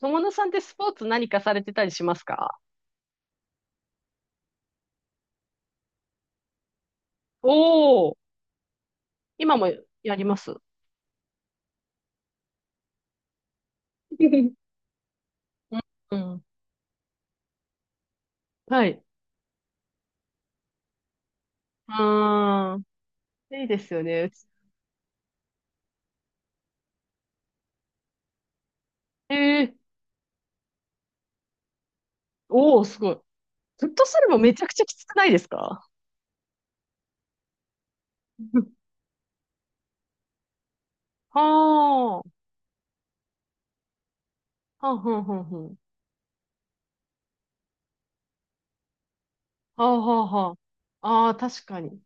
友野さんってスポーツ何かされてたりしますか？おおー。今もやります。うん。はい。あー、いいですよね。うえー、おお、すごい。フットサルもめちゃくちゃきつくないですか？うん。 はあ、はあ、はあ、はあ、はあ、はあ、はあ、ああ、確かに。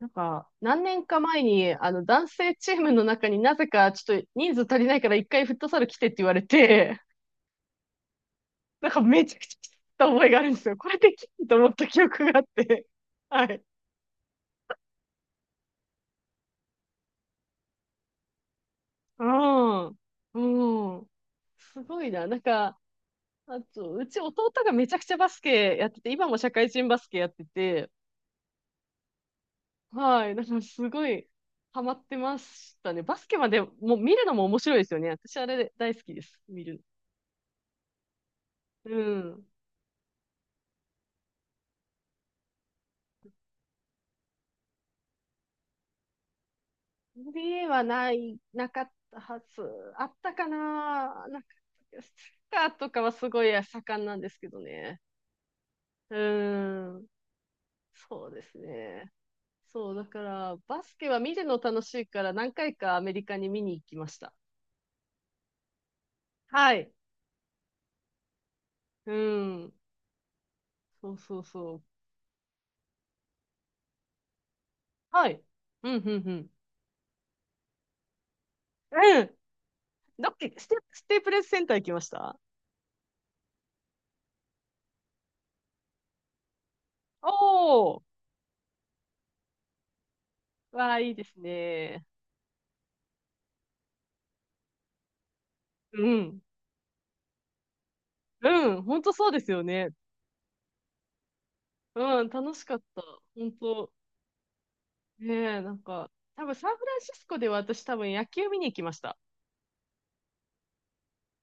なんか、何年か前に、男性チームの中になぜか、ちょっと人数足りないから一回フットサル来てって言われて、なんかめちゃくちゃ切った覚えがあるんですよ。これできると思った記憶があって。はい。うん。うん。すごいな。なんか、あと、うち弟がめちゃくちゃバスケやってて、今も社会人バスケやってて、はい。なんかすごいハマってましたね。バスケまでもう見るのも面白いですよね。私あれ大好きです。見るの。うん。はない、なかったはず。あったかな。なんか、サッカーとかはすごい盛んなんですけどね。うーん。そうですね。そう、だから、バスケは見るの楽しいから何回かアメリカに見に行きました。はい。うん。そうそうそう。はい。うん、うん、うん。うん。どっけ、ステ、ステープレスセンター行きました？おー。わあ、いいですね。うん。うん。本当そうですよね。うん。楽しかった。本当。ねえ、なんか、多分サンフランシスコでは私多分野球見に行きました。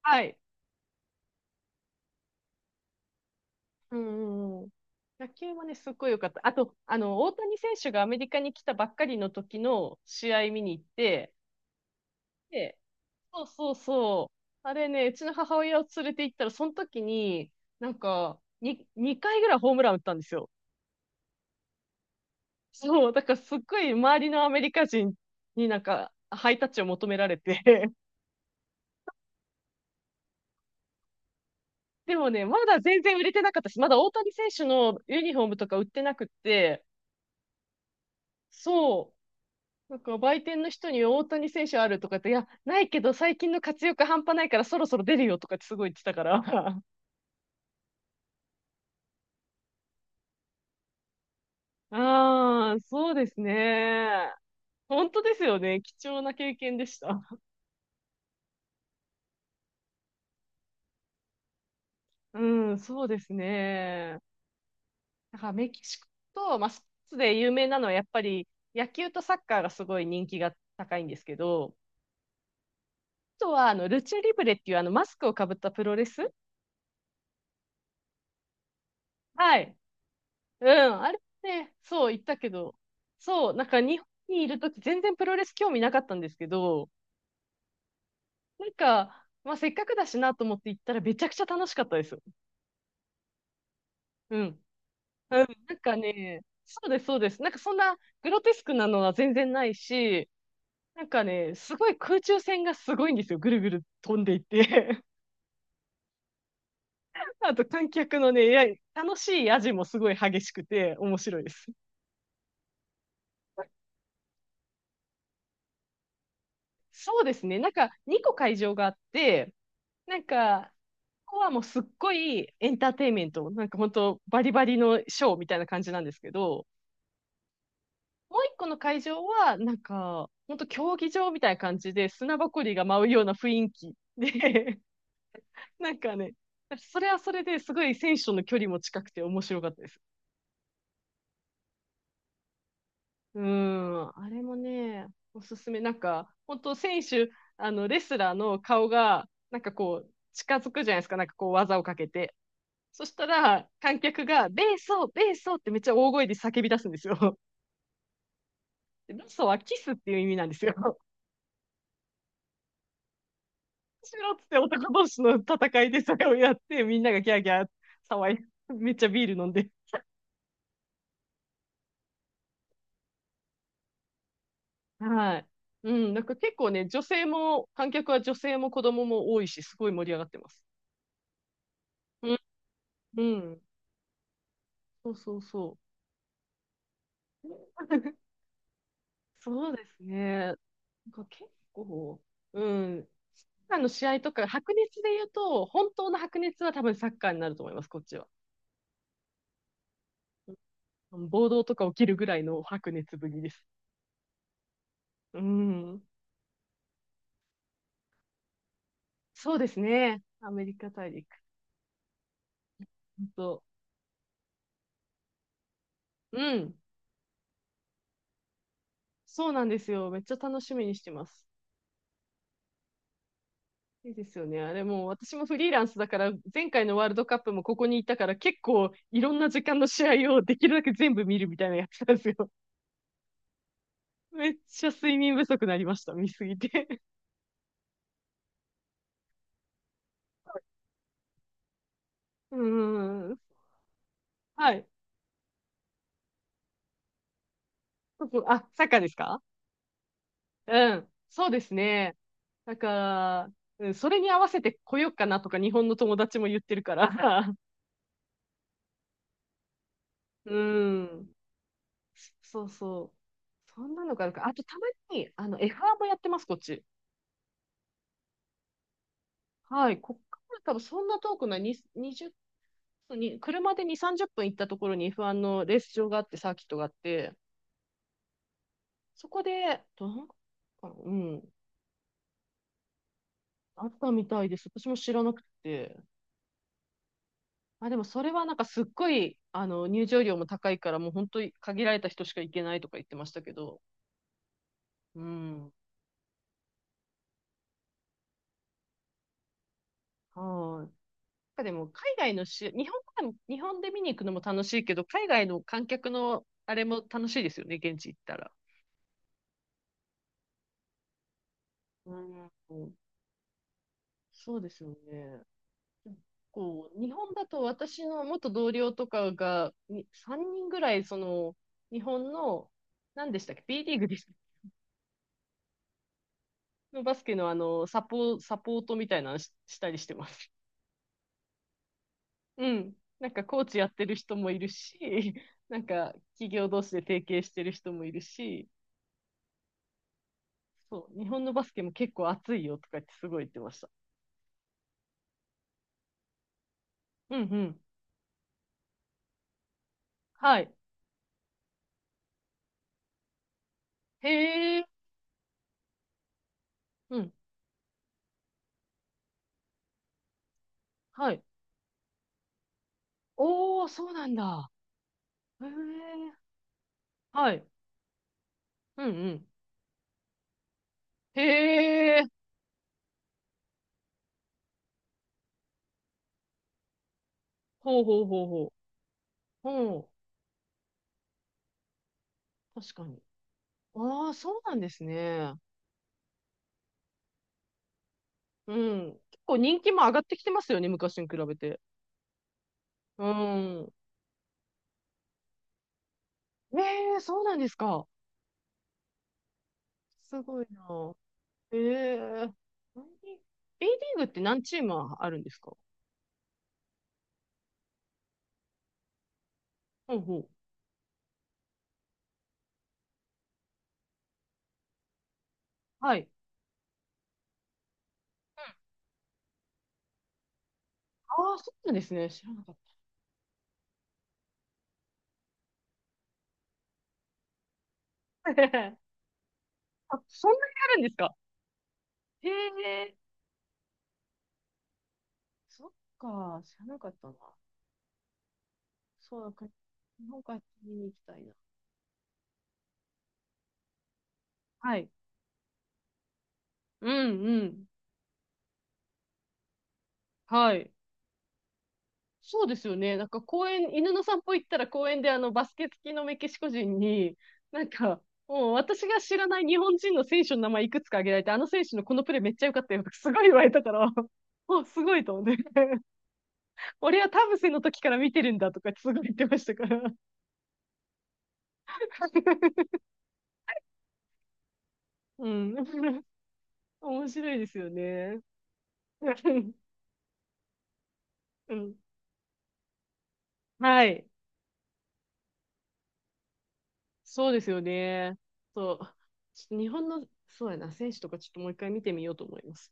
はい。うんうんうん。野球はね、すっごい良かった。あと、大谷選手がアメリカに来たばっかりの時の試合見に行って、で、そうそうそう。あれね、うちの母親を連れて行ったら、その時に、なんか、2回ぐらいホームラン打ったんですよ。そう、だからすっごい周りのアメリカ人になんか、ハイタッチを求められて。でもね、まだ全然売れてなかったし、まだ大谷選手のユニフォームとか売ってなくって、そう、なんか売店の人に大谷選手あるとかって、いや、ないけど最近の活躍半端ないからそろそろ出るよとかってすごい言ってたから。ああ、そうですね。本当ですよね。貴重な経験でした。うん、そうですね。だからメキシコと、まあ、スポーツで有名なのはやっぱり野球とサッカーがすごい人気が高いんですけど、あとはあのルチャリブレっていうあのマスクをかぶったプロレス。はい。うん、あれね、そう言ったけど、そう、なんか日本にいるとき全然プロレス興味なかったんですけど、なんか、まあせっかくだしなと思って行ったらめちゃくちゃ楽しかったですよ。うん。うん、なんかね、そうです、そうです。なんかそんなグロテスクなのは全然ないし、なんかね、すごい空中戦がすごいんですよ。ぐるぐる飛んでいって。あと観客のね、いや、楽しい味もすごい激しくて面白いです。そうですね。なんか2個会場があって、なんかこはもうすっごいエンターテインメント、なんか本当バリバリのショーみたいな感じなんですけど、もう一個の会場は、なんか、本当競技場みたいな感じで砂ぼこりが舞うような雰囲気で、なんかね、それはそれですごい選手との距離も近くて面白かったです。うーん、あれもね、おすすめ。なんか、本当選手、あの、レスラーの顔が、なんかこう、近づくじゃないですか、なんかこう、技をかけて。そしたら、観客が、ベーソー、ベーソーってめっちゃ大声で叫び出すんですよ。でベーソーはキスっていう意味なんですよ。しろっつって男同士の戦いでそれをやって、みんながギャーギャー騒い、めっちゃビール飲んで。はい。うん、なんか結構ね、女性も、観客は女性も子供も多いし、すごい盛り上がってます。うん、うん、そうそうそう。そうですね。なんか結構、うん、サッカーの試合とか、白熱で言うと、本当の白熱は多分サッカーになると思います、こっちは。うん。暴動とか起きるぐらいの白熱ぶりです。うん。そうですね。アメリカ大陸。本当。うん。そうなんですよ。めっちゃ楽しみにしてます。いいですよね。あれもう私もフリーランスだから、前回のワールドカップもここにいたから、結構いろんな時間の試合をできるだけ全部見るみたいなやつなんですよ。めっちゃ睡眠不足になりました。見すぎて。うん。うん、はい。僕あ、サッカーですか？うん。そうですね。なんか、うん、それに合わせて来ようかなとか日本の友達も言ってるから。うん。そうそう。そんなのがあるか。あとたまに、F1 もやってます、こっち。はい。こっから多分そんな遠くない、に20に、車で2、30分行ったところに F1 のレース場があって、サーキットがあって、そこで、うん、あったみたいです。私も知らなくて。まあ、でもそれはなんかすっごい、入場料も高いから、もう本当に限られた人しか行けないとか言ってましたけど。うん。はい。なんかでも海外のし、日本からも、日本で見に行くのも楽しいけど、海外の観客のあれも楽しいですよね、現地行ったら。うん。そうですよね。こう、日本だと私の元同僚とかが、に3人ぐらい、その、日本の、何でしたっけ？ B リーグです。のバスケのサポートみたいなのしたりしてます。うん。なんかコーチやってる人もいるし、なんか企業同士で提携してる人もいるし、そう、日本のバスケも結構熱いよとか言ってすごい言ってました。うんうん。はい。へえ。うん。はい。おー、そうなんだ。へえ。はい。うんうん。へえ。ほうほうほうほう。ほう。確かに。ああ、そうなんですね。うん。結構人気も上がってきてますよね、昔に比べて。うん。ええ、そうなんですか？すごいな。ええ、 A リーグって何チームあるんですか？ほうほう。はい。ああ、そうなんですね。知らなかった。あ、そんなにあるんですか？へえ、そっか、知らなかったな。そうだから、日本から見に行きたいな。はい。うんうん。はい。そうですよね。なんか公園、犬の散歩行ったら公園であのバスケ好きのメキシコ人に、なんか、もう私が知らない日本人の選手の名前いくつか挙げられて、あの選手のこのプレーめっちゃ良かったよとかすごい言われたから、もうすごいと思って。俺は田臥の時から見てるんだとかすごい言ってましたから。うん。面白いですよね。うん。はい。そうですよね。そう。ちょっと日本の、そうやな、選手とかちょっともう一回見てみようと思います。